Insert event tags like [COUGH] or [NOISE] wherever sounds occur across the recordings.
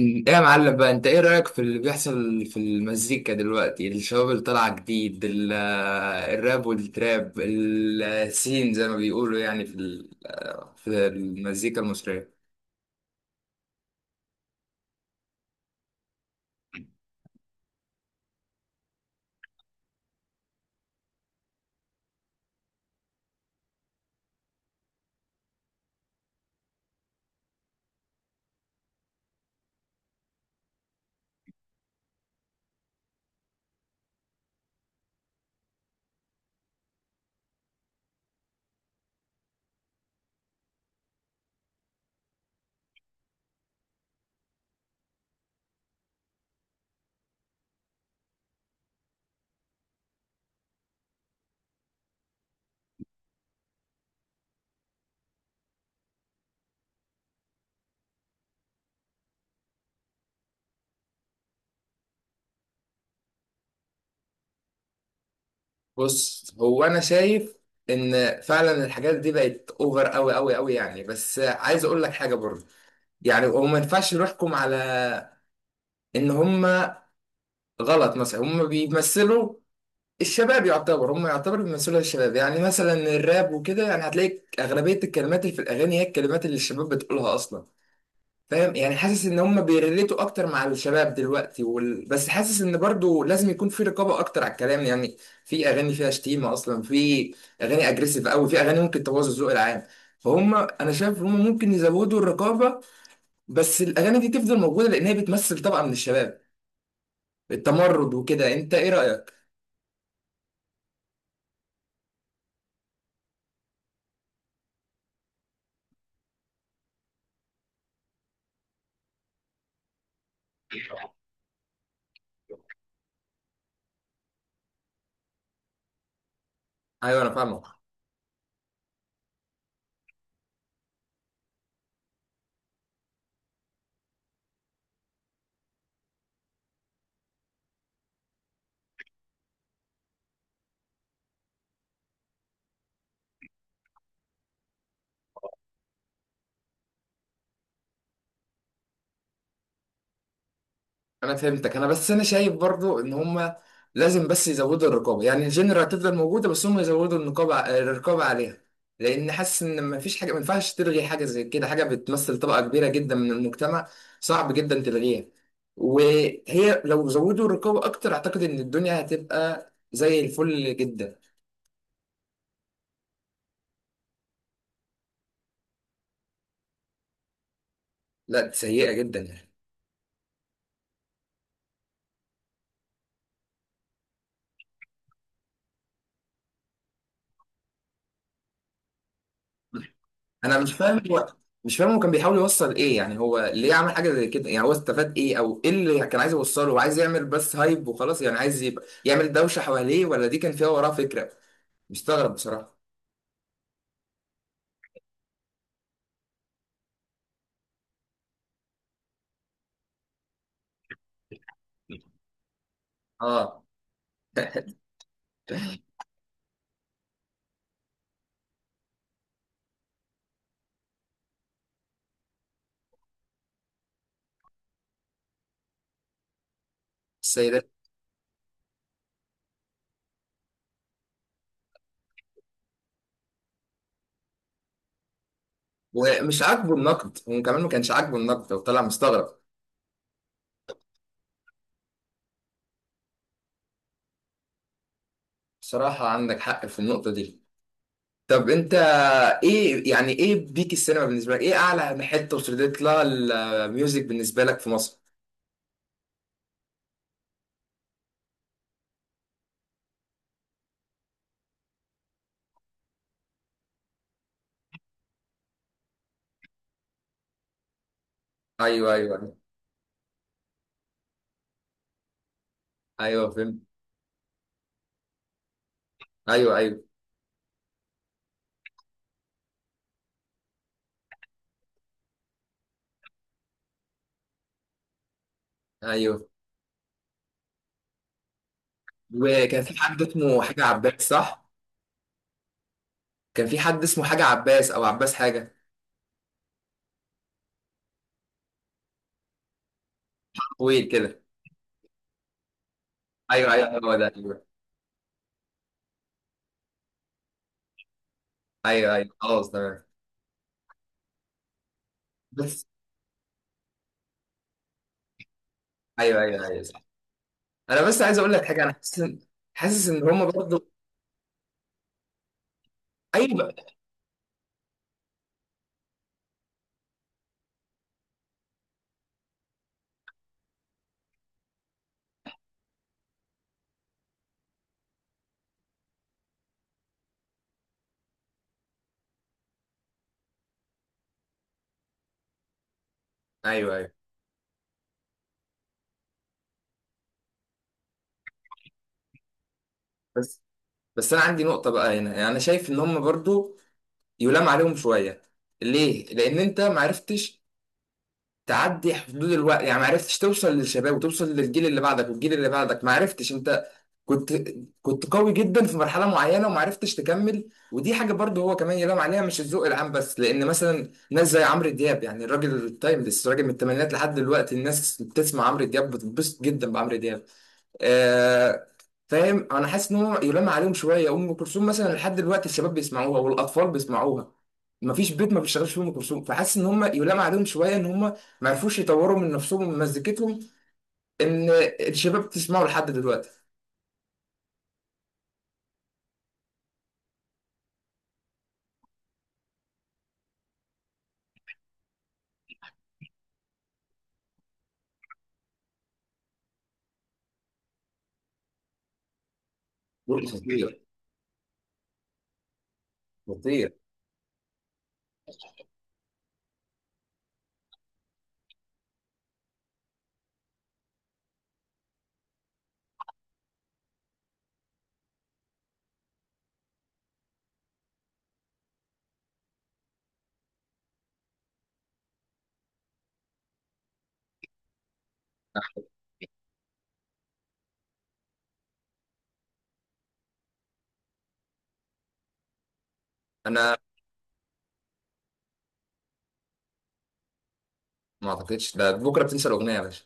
ايه يا معلم بقى، انت ايه رأيك في اللي بيحصل في المزيكا دلوقتي؟ الشباب اللي طالعه جديد الراب والتراب السين زي ما بيقولوا، يعني في في المزيكا المصرية. بص، هو انا شايف ان فعلا الحاجات دي بقت اوفر قوي قوي قوي، يعني بس عايز اقول لك حاجة برضه. يعني هو ما ينفعش نحكم على ان هم غلط. مثلا هم بيمثلوا الشباب، يعتبر هم يعتبر بيمثلوا الشباب، يعني مثلا الراب وكده. يعني هتلاقي أغلبية الكلمات اللي في الأغاني هي الكلمات اللي الشباب بتقولها أصلا. فاهم؟ يعني حاسس إن هم بيريليتوا أكتر مع الشباب دلوقتي بس حاسس إن برضو لازم يكون في رقابة أكتر على الكلام. يعني في أغاني فيها شتيمة أصلا، في أغاني أجريسيف أوي، في أغاني ممكن تبوظ الذوق العام. فهم، أنا شايف هم ممكن يزودوا الرقابة، بس الأغاني دي تفضل موجودة لأن هي بتمثل طبقة من الشباب، التمرد وكده. أنت إيه رأيك؟ أيوه أنا فاهمك. انا فهمتك. انا بس انا شايف برضو ان هم لازم بس يزودوا الرقابه. يعني الجنرال هتفضل موجوده بس هم يزودوا الرقابه عليها. لان حاسس ان ما فيش حاجه، ما ينفعش تلغي حاجه زي كده. حاجه بتمثل طبقه كبيره جدا من المجتمع، صعب جدا تلغيها. وهي لو زودوا الرقابه اكتر، اعتقد ان الدنيا هتبقى زي الفل جدا. لا، سيئه جدا يعني. انا مش فاهم، هو مش فاهم هو كان بيحاول يوصل ايه. يعني هو ليه عمل حاجه زي كده؟ يعني هو استفاد ايه او ايه اللي كان عايز يوصله؟ هو عايز يعمل بس هايب وخلاص، يعني عايز يبقى يعمل دوشه حواليه، ولا دي كان فيها وراه فكره؟ مستغرب بصراحه. اه. السيدات. ومش عاجبه النقد، هو كمان ما كانش عاجبه النقد وطلع مستغرب. بصراحه عندك حق في النقطه دي. طب انت ايه يعني؟ ايه بيك السينما بالنسبه لك؟ ايه اعلى حته وصلت لها الميوزك بالنسبه لك في مصر؟ ايوه، ايوه، ايوه، فهمت. ايوه، ايوه، ايوه. وكان في حد اسمه حاجة عباس، صح؟ كان في حد اسمه حاجة عباس أو عباس حاجة، طويل كده. أيوه، أيوه، هو ده، أيوه. أيوه، أيوه، خلاص تمام. بس. أيوه، أيوه، أيوه، صح. أنا بس عايز أقول لك حاجة. أنا حاسس إن هما برضو. أيوه، أيوه، أيوه. بس. بس أنا عندي نقطة بقى هنا. يعني أنا شايف إن هما برضو يلام عليهم شوية. ليه؟ لأن أنت معرفتش تعدي حدود الوقت. يعني ما عرفتش توصل للشباب، وتوصل للجيل اللي بعدك، والجيل اللي بعدك ما عرفتش انت. كنت كنت قوي جدا في مرحله معينه وما عرفتش تكمل، ودي حاجه برضه هو كمان يلام عليها، مش الذوق العام بس. لان مثلا ناس زي عمرو دياب، يعني الراجل التايمليس، راجل من الثمانينات لحد دلوقتي الناس بتسمع عمرو دياب بتنبسط جدا بعمرو دياب. آه، فاهم؟ انا حاسس ان هو يلام عليهم شويه. ام كلثوم مثلا لحد دلوقتي الشباب بيسمعوها والاطفال بيسمعوها. مفيش بيت ما بيشتغلش فيه ام كلثوم. فحاسس ان هم يلام عليهم شويه، ان هم ما عرفوش يطوروا من نفسهم ومن مزيكتهم، ان الشباب بتسمعه لحد دلوقتي. دول خطير. خطير. انا ما اعتقدش، ده بكره بتنسى الاغنيه يا باشا.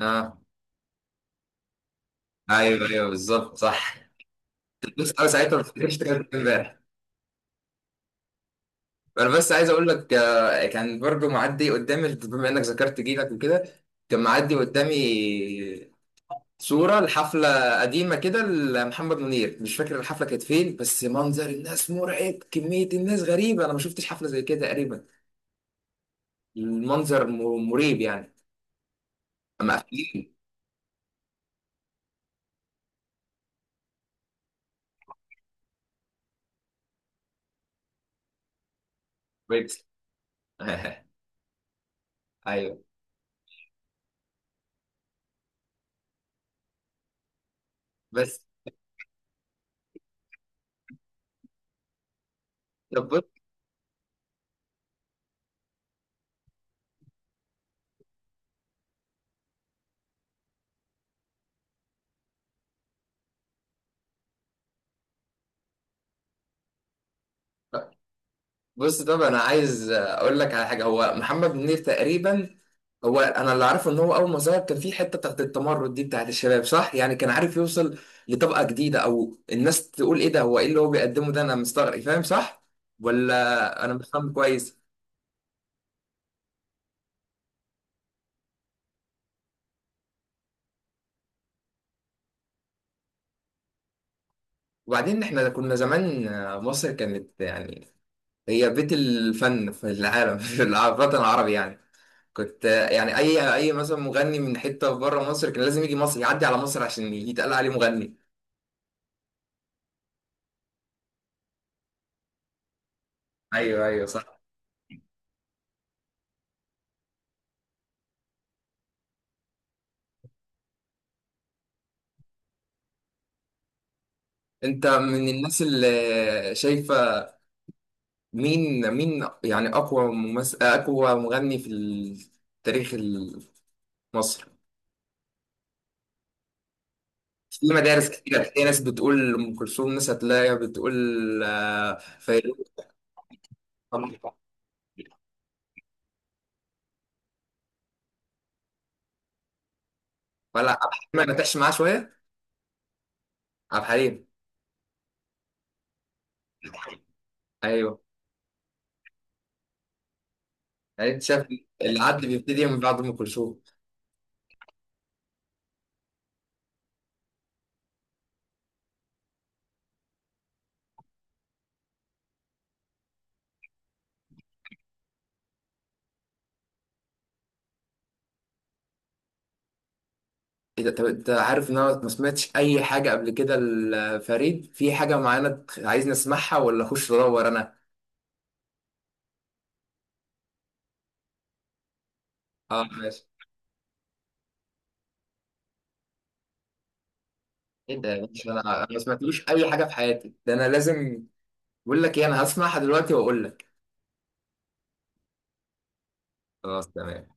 اه. ايوه، ايوه، بالظبط، صح. بس انا ساعتها ما بتفتكرش تتكلم امبارح. انا بس عايز اقول لك، كان برضو معدي قدامي، بما انك ذكرت جيلك وكده، كان معدي قدامي صورة لحفلة قديمة كده لمحمد منير. مش فاكر الحفلة كانت فين، بس منظر الناس مرعب، كمية الناس غريبة، انا ما شفتش حفلة زي كده تقريبا. المنظر مريب يعني، اما قافلين. بريكس. [LAUGHS] ايوه. بس. طب بص طب انا عايز اقول لك على حاجة. هو محمد منير تقريبا، هو انا اللي عارفه ان هو اول ما ظهر كان في حته بتاعت التمرد دي بتاعت الشباب، صح؟ يعني كان عارف يوصل لطبقه جديده، او الناس تقول ايه ده، هو ايه اللي هو بيقدمه ده؟ انا مستغرب. فاهم؟ صح، ولا انا مش فاهم كويس؟ وبعدين احنا كنا زمان، مصر كانت يعني هي بيت الفن في العالم [LAUGHS] في في الوطن العربي يعني. كنت، يعني اي مثلا مغني من حته بره مصر كان لازم يجي مصر، يعدي على مصر، عشان يتقال عليه مغني. ايوه، ايوه، صح. انت من الناس اللي شايفه مين، مين يعني أقوى ممثل، أقوى مغني في تاريخ مصر؟ في مدارس كتير هتلاقي ناس بتقول أم كلثوم، ناس هتلاقي بتقول فيروز. طب- ولا عبد الحليم ما نتعش معاه شوية؟ عبد الحليم. أيوه. يعني أنت شايف العد بيبتدي من بعد أم كلثوم. إيه ده؟ طب أنت عارف إن أنا ما سمعتش أي حاجة قبل كده لفريد؟ في حاجة معينة عايزني أسمعها ولا أخش أدور أنا؟ أه، ماشي. إيه ده يا باشا؟ أنا ما سمعتلوش أي حاجة في حياتي. ده أنا لازم. بقول لك ايه، انا هسمعها دلوقتي واقول لك. خلاص تمام.